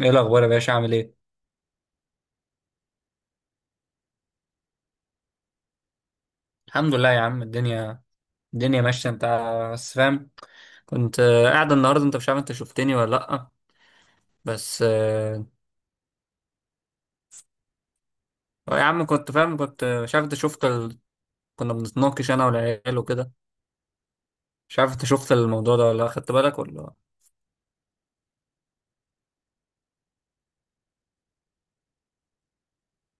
ايه الاخبار يا باشا عامل ايه؟ الحمد لله يا عم الدنيا ماشيه. انت بس فاهم، كنت قاعد النهارده، انت مش عارف، انت شفتني ولا لا؟ بس آه يا عم كنت فاهم، كنت مش عارف انت شفت كنا بنتناقش انا والعيال وكده. مش عارف انت شفت الموضوع ده ولا لأ، خدت بالك ولا لأ؟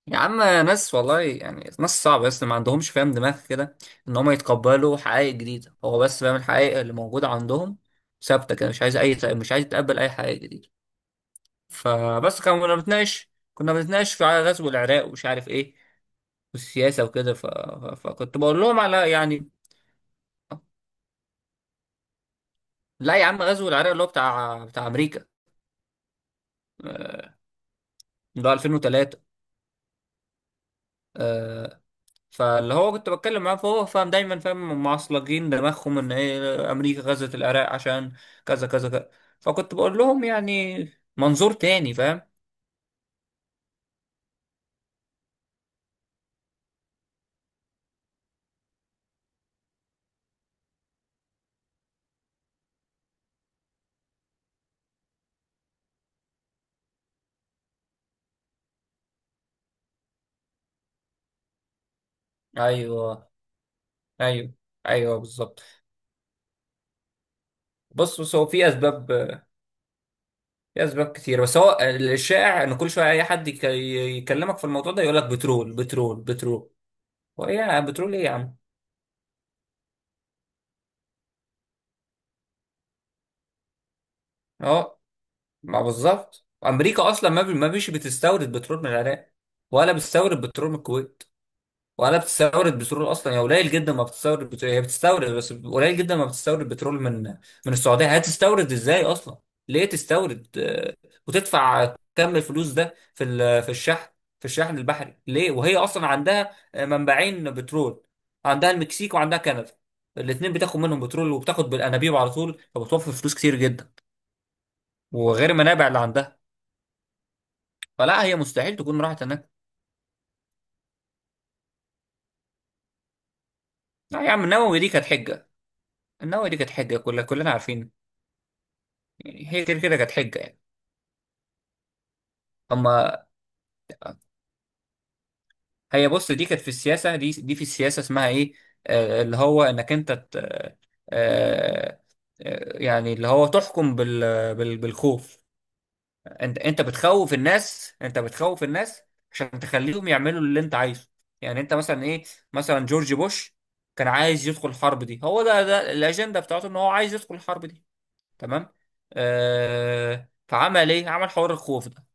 يا عم ناس والله يعني ناس صعبه، بس ما عندهمش فاهم دماغ كده ان هم يتقبلوا حقائق جديده، هو بس فاهم الحقائق اللي موجوده عندهم ثابته كده، مش عايز اي، مش عايز يتقبل اي حقائق جديده. فبس كنا بنتناقش، كنا بنتناقش في على غزو العراق ومش عارف ايه، والسياسه وكده، فكنت بقول لهم على يعني. لا يا عم غزو العراق اللي هو بتاع امريكا، آه، اللي هو 2003. آه، فاللي هو كنت بتكلم معاه فهو فاهم، دايما فاهم، هم معصلجين دماغهم ان ايه، امريكا غزت العراق عشان كذا كذا كذا، فكنت بقول لهم يعني منظور تاني فاهم. ايوه، ايوه، ايوه بالظبط. بص بص، هو في اسباب، في اسباب كتير، بس هو الشائع ان كل شويه اي حد يكلمك في الموضوع ده يقول لك بترول بترول بترول. وايه يا بترول ايه يا عم؟ اه، ما بالظبط امريكا اصلا ما بيش بتستورد بترول من العراق، ولا بتستورد بترول من الكويت، ولا بتستورد بترول اصلا، هي قليل جدا ما بتستورد بترول، هي بتستورد بس قليل جدا، ما بتستورد بترول من من السعوديه، هتستورد ازاي اصلا؟ ليه تستورد؟ وتدفع كم الفلوس ده في الشحن، في الشحن البحري ليه، وهي اصلا عندها منبعين بترول، عندها المكسيك وعندها كندا، الاثنين بتاخد منهم بترول وبتاخد بالانابيب على طول، فبتوفر فلوس كتير جدا، وغير المنابع اللي عندها. فلا، هي مستحيل تكون راحت هناك. لا يا عم النووي دي كانت حجه، النووي دي كانت حجه، كلنا عارفين، يعني هي كده كده كانت حجة يعني. اما هي بص، دي كانت في السياسة، دي دي في السياسة اسمها ايه، آه اللي هو انك انت آه، يعني اللي هو تحكم بالخوف، انت انت بتخوف الناس، انت بتخوف الناس عشان تخليهم يعملوا اللي انت عايزه. يعني انت مثلا ايه، مثلا جورج بوش كان عايز يدخل الحرب دي، هو ده ده الاجندة بتاعته، ان هو عايز يدخل الحرب دي، تمام؟ فعمل ايه، عمل حوار الخوف ده،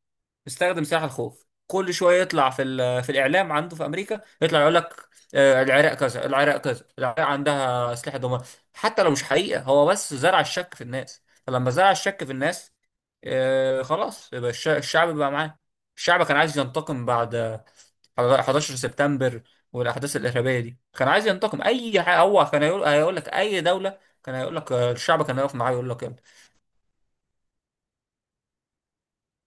استخدم سلاح الخوف، كل شويه يطلع في الاعلام عنده في امريكا، يطلع يقول لك العراق كذا، العراق كذا، العراق عندها اسلحه دمار، حتى لو مش حقيقه، هو بس زرع الشك في الناس، فلما زرع الشك في الناس خلاص يبقى الشعب بقى معاه. الشعب كان عايز ينتقم بعد 11 سبتمبر والاحداث الارهابيه دي، كان عايز ينتقم، اي حاجه هو كان هيقول، هيقول لك اي دوله كان هيقول لك الشعب كان هيقف معاه يقول لك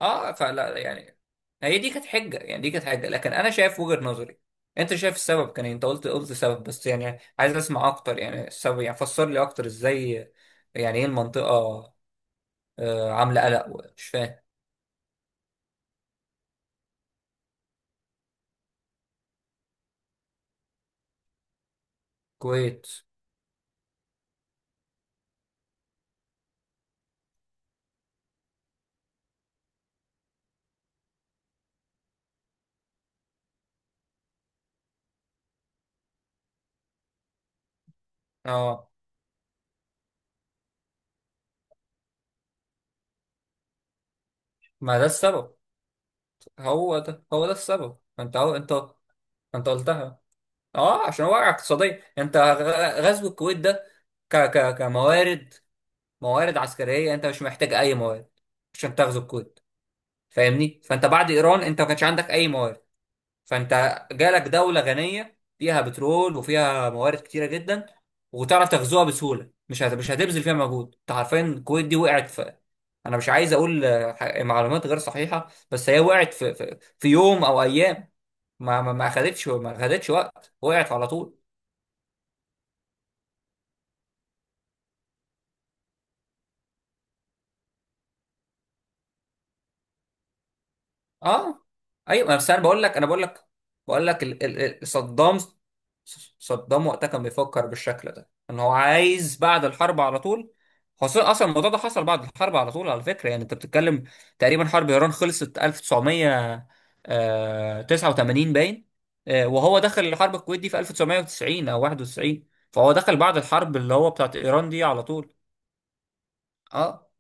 اه. فلا يعني، هي دي كانت حجه يعني، دي كانت حجه، لكن انا شايف وجهه نظري. انت شايف السبب كان إيه؟ انت قلت، قلت سبب، بس يعني عايز اسمع اكتر يعني، السبب يعني، فسر لي اكتر ازاي، يعني ايه المنطقه آه عامله قلق؟ مش فاهم. كويت. اه، ما ده السبب، هو ده هو ده السبب، انت هو انت، انت قلتها، اه عشان وقع اقتصادي، انت غزو الكويت ده ك ك كموارد، موارد عسكريه، انت مش محتاج اي موارد عشان تغزو الكويت، فاهمني؟ فانت بعد ايران انت ما كانش عندك اي موارد، فانت جالك دوله غنيه فيها بترول وفيها موارد كتيره جدا، وتعرف تغزوها بسهوله، مش هتبذل فيها مجهود، انت عارفين الكويت دي وقعت في، انا مش عايز اقول معلومات غير صحيحه، بس هي وقعت في في يوم او ايام، ما ما خدتش وقت، وقعت على طول. اه، ايوه، بس انا بقول لك، انا بقول لك، بقول لك صدام، صدام وقتها كان بيفكر بالشكل ده، ان هو عايز بعد الحرب على طول، خاصة اصلا الموضوع ده حصل بعد الحرب على طول، على فكرة، يعني انت بتتكلم تقريبا حرب ايران خلصت 1989 باين، وهو دخل الحرب الكويت دي في 1990 او 91، فهو دخل بعد الحرب اللي هو بتاعت ايران دي على طول. اه،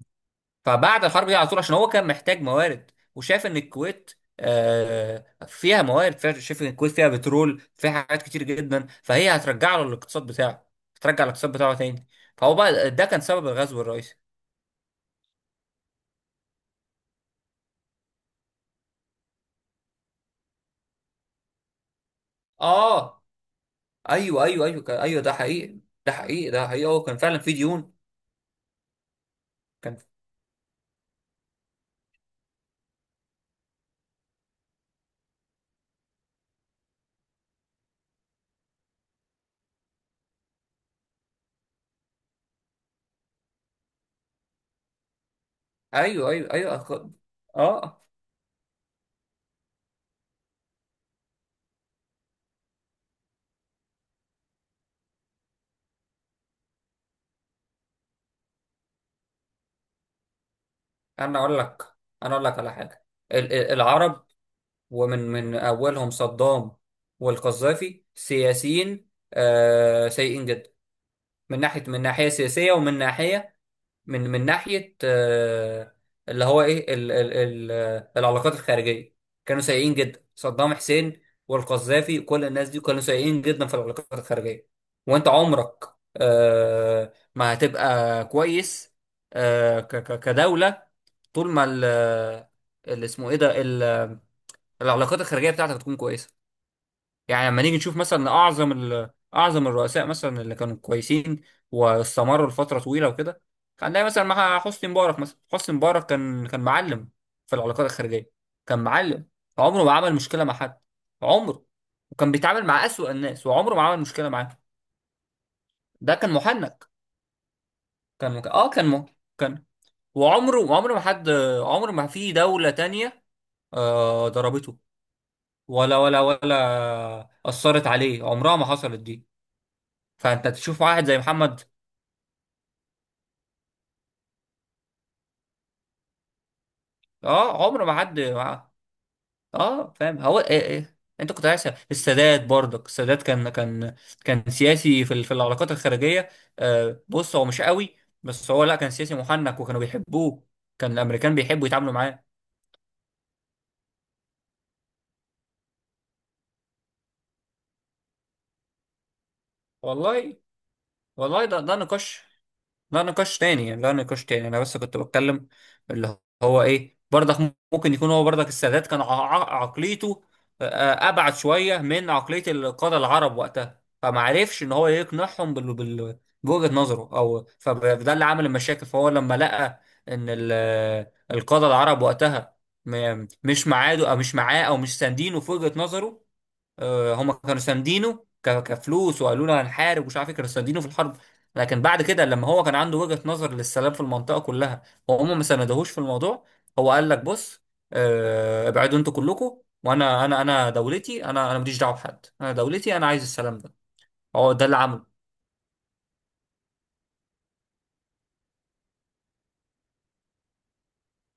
فبعد الحرب دي على طول، عشان هو كان محتاج موارد وشاف ان الكويت فيها موارد، شاف ان الكويت فيها بترول، فيها حاجات كتير جدا، فهي هترجع له الاقتصاد بتاعه، هترجع الاقتصاد بتاعه تاني، فهو بقى ده كان سبب الغزو الرئيسي. اه ايوه، ايوه، ايوه ايوه ده حقيقي، ده حقيقي، ده حقيقي، هو كان فعلا في ديون. كان ايوه، ايوه، ايوه اه. انا اقول لك، انا اقول لك على حاجه، العرب ومن من أولهم صدام والقذافي، سياسيين سيئين جدا، من ناحية، من ناحية سياسية، ومن ناحية، من من ناحية اللي هو إيه ال ال ال العلاقات الخارجية، كانوا سيئين جدا. صدام حسين والقذافي كل الناس دي كانوا سيئين جدا في العلاقات الخارجية. وأنت عمرك ما هتبقى كويس كدولة، طول ما اللي اسمه ايه ده العلاقات الخارجية بتاعتك تكون كويسة. يعني لما نيجي نشوف مثلا اعظم الرؤساء مثلا اللي كانوا كويسين واستمروا لفتره طويله وكده، هنلاقي مثلا مع حسني مبارك، مثلا حسني مبارك كان كان معلم في العلاقات الخارجيه، كان معلم، عمره ما عمل مشكله مع حد، عمره، وكان بيتعامل مع أسوأ الناس وعمره ما عمل مشكله معاه. ده كان محنك، كان اه كان، وعمره ما حد، عمره ما في دوله تانية آه ضربته، ولا أثرت عليه، عمرها ما حصلت دي. فانت تشوف واحد زي محمد، اه عمره ما حد اه فاهم، هو إيه إيه. انت كنت عايز السادات برضك، السادات كان كان كان سياسي في العلاقات الخارجيه، آه بص هو مش قوي، بس هو لا كان سياسي محنك وكانوا بيحبوه، كان الامريكان بيحبوا يتعاملوا معاه. والله، والله ده ده نقاش، لا نقاش تاني يعني، لا نقاش تاني، انا بس كنت بتكلم اللي هو ايه برضك، ممكن يكون هو برضك السادات كان عقليته ابعد شويه من عقليه القاده العرب وقتها، فما عرفش ان هو يقنعهم بوجهه نظره، او فده اللي عمل المشاكل. فهو لما لقى ان القاده العرب وقتها مش معاه، او مش معاه، او مش ساندينه في وجهه نظره، هم كانوا ساندينه كفلوس، وقالوا له هنحارب ومش عارف إيه، كانوا ساندينه في الحرب، لكن بعد كده لما هو كان عنده وجهة نظر للسلام في المنطقة كلها وهم ما ساندهوش في الموضوع، هو قال لك بص، ابعدوا انتوا كلكم، وانا انا انا دولتي، انا انا ماليش دعوه بحد، انا دولتي انا عايز السلام ده، هو ده اللي عمله.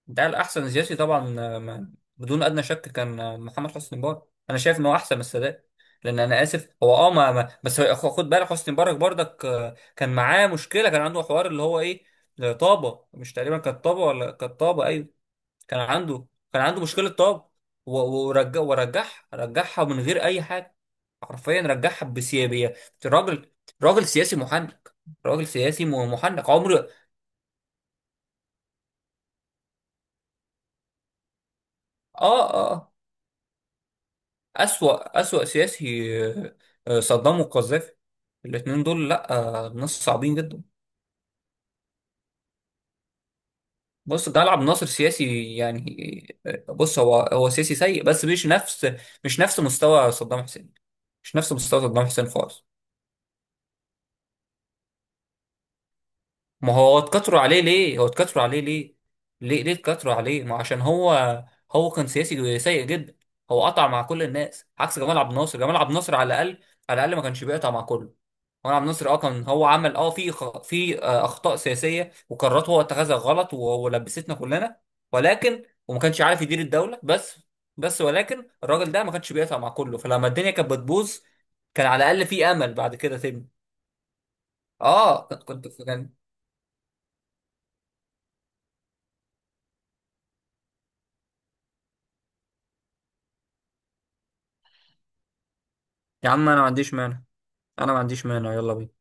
ده الأحسن سياسي طبعا، بدون أدنى شك كان محمد حسني مبارك، أنا شايف إن هو أحسن من السادات، لأن أنا آسف هو أه بس خد بالك، حسني مبارك برضك كان معاه مشكلة، كان عنده حوار اللي هو إيه طابة، مش تقريبا كانت طابة، ولا كانت طابة، أيوه. كان عنده، كان عنده مشكلة طابة، ورجع، ورجعها، رجعها من غير أي حاجة، حرفيا رجعها بسيابية. راجل، راجل سياسي محنك، راجل سياسي محنك، عمره. اه اه، أسوأ، أسوأ سياسي صدام وقذافي، الاتنين دول لأ، ناس صعبين جدا. بص ده لعب ناصر سياسي يعني، بص هو هو سياسي سيء، بس مش نفس، مش نفس مستوى صدام حسين، مش نفس مستوى صدام حسين خالص. ما هو اتكتروا عليه ليه، هو اتكتروا عليه ليه، ليه ليه اتكتروا عليه، ما عشان هو، هو كان سياسي سيء جدا، هو قطع مع كل الناس، عكس جمال عبد الناصر، جمال عبد الناصر على الأقل، على الأقل ما كانش بيقطع مع كله. وأنا عبد الناصر اه كان هو عمل اه في اخطاء سياسيه وقرارات هو اتخذها غلط وهو لبستنا كلنا، ولكن وما كانش عارف يدير الدوله، بس بس ولكن الراجل ده ما كانش بيقطع مع كله، فلما الدنيا كانت بتبوظ كان على الاقل في امل بعد كده تبني. اه كان. يا عم انا ما عنديش مانع، انا ما عنديش مانع، يلا بينا.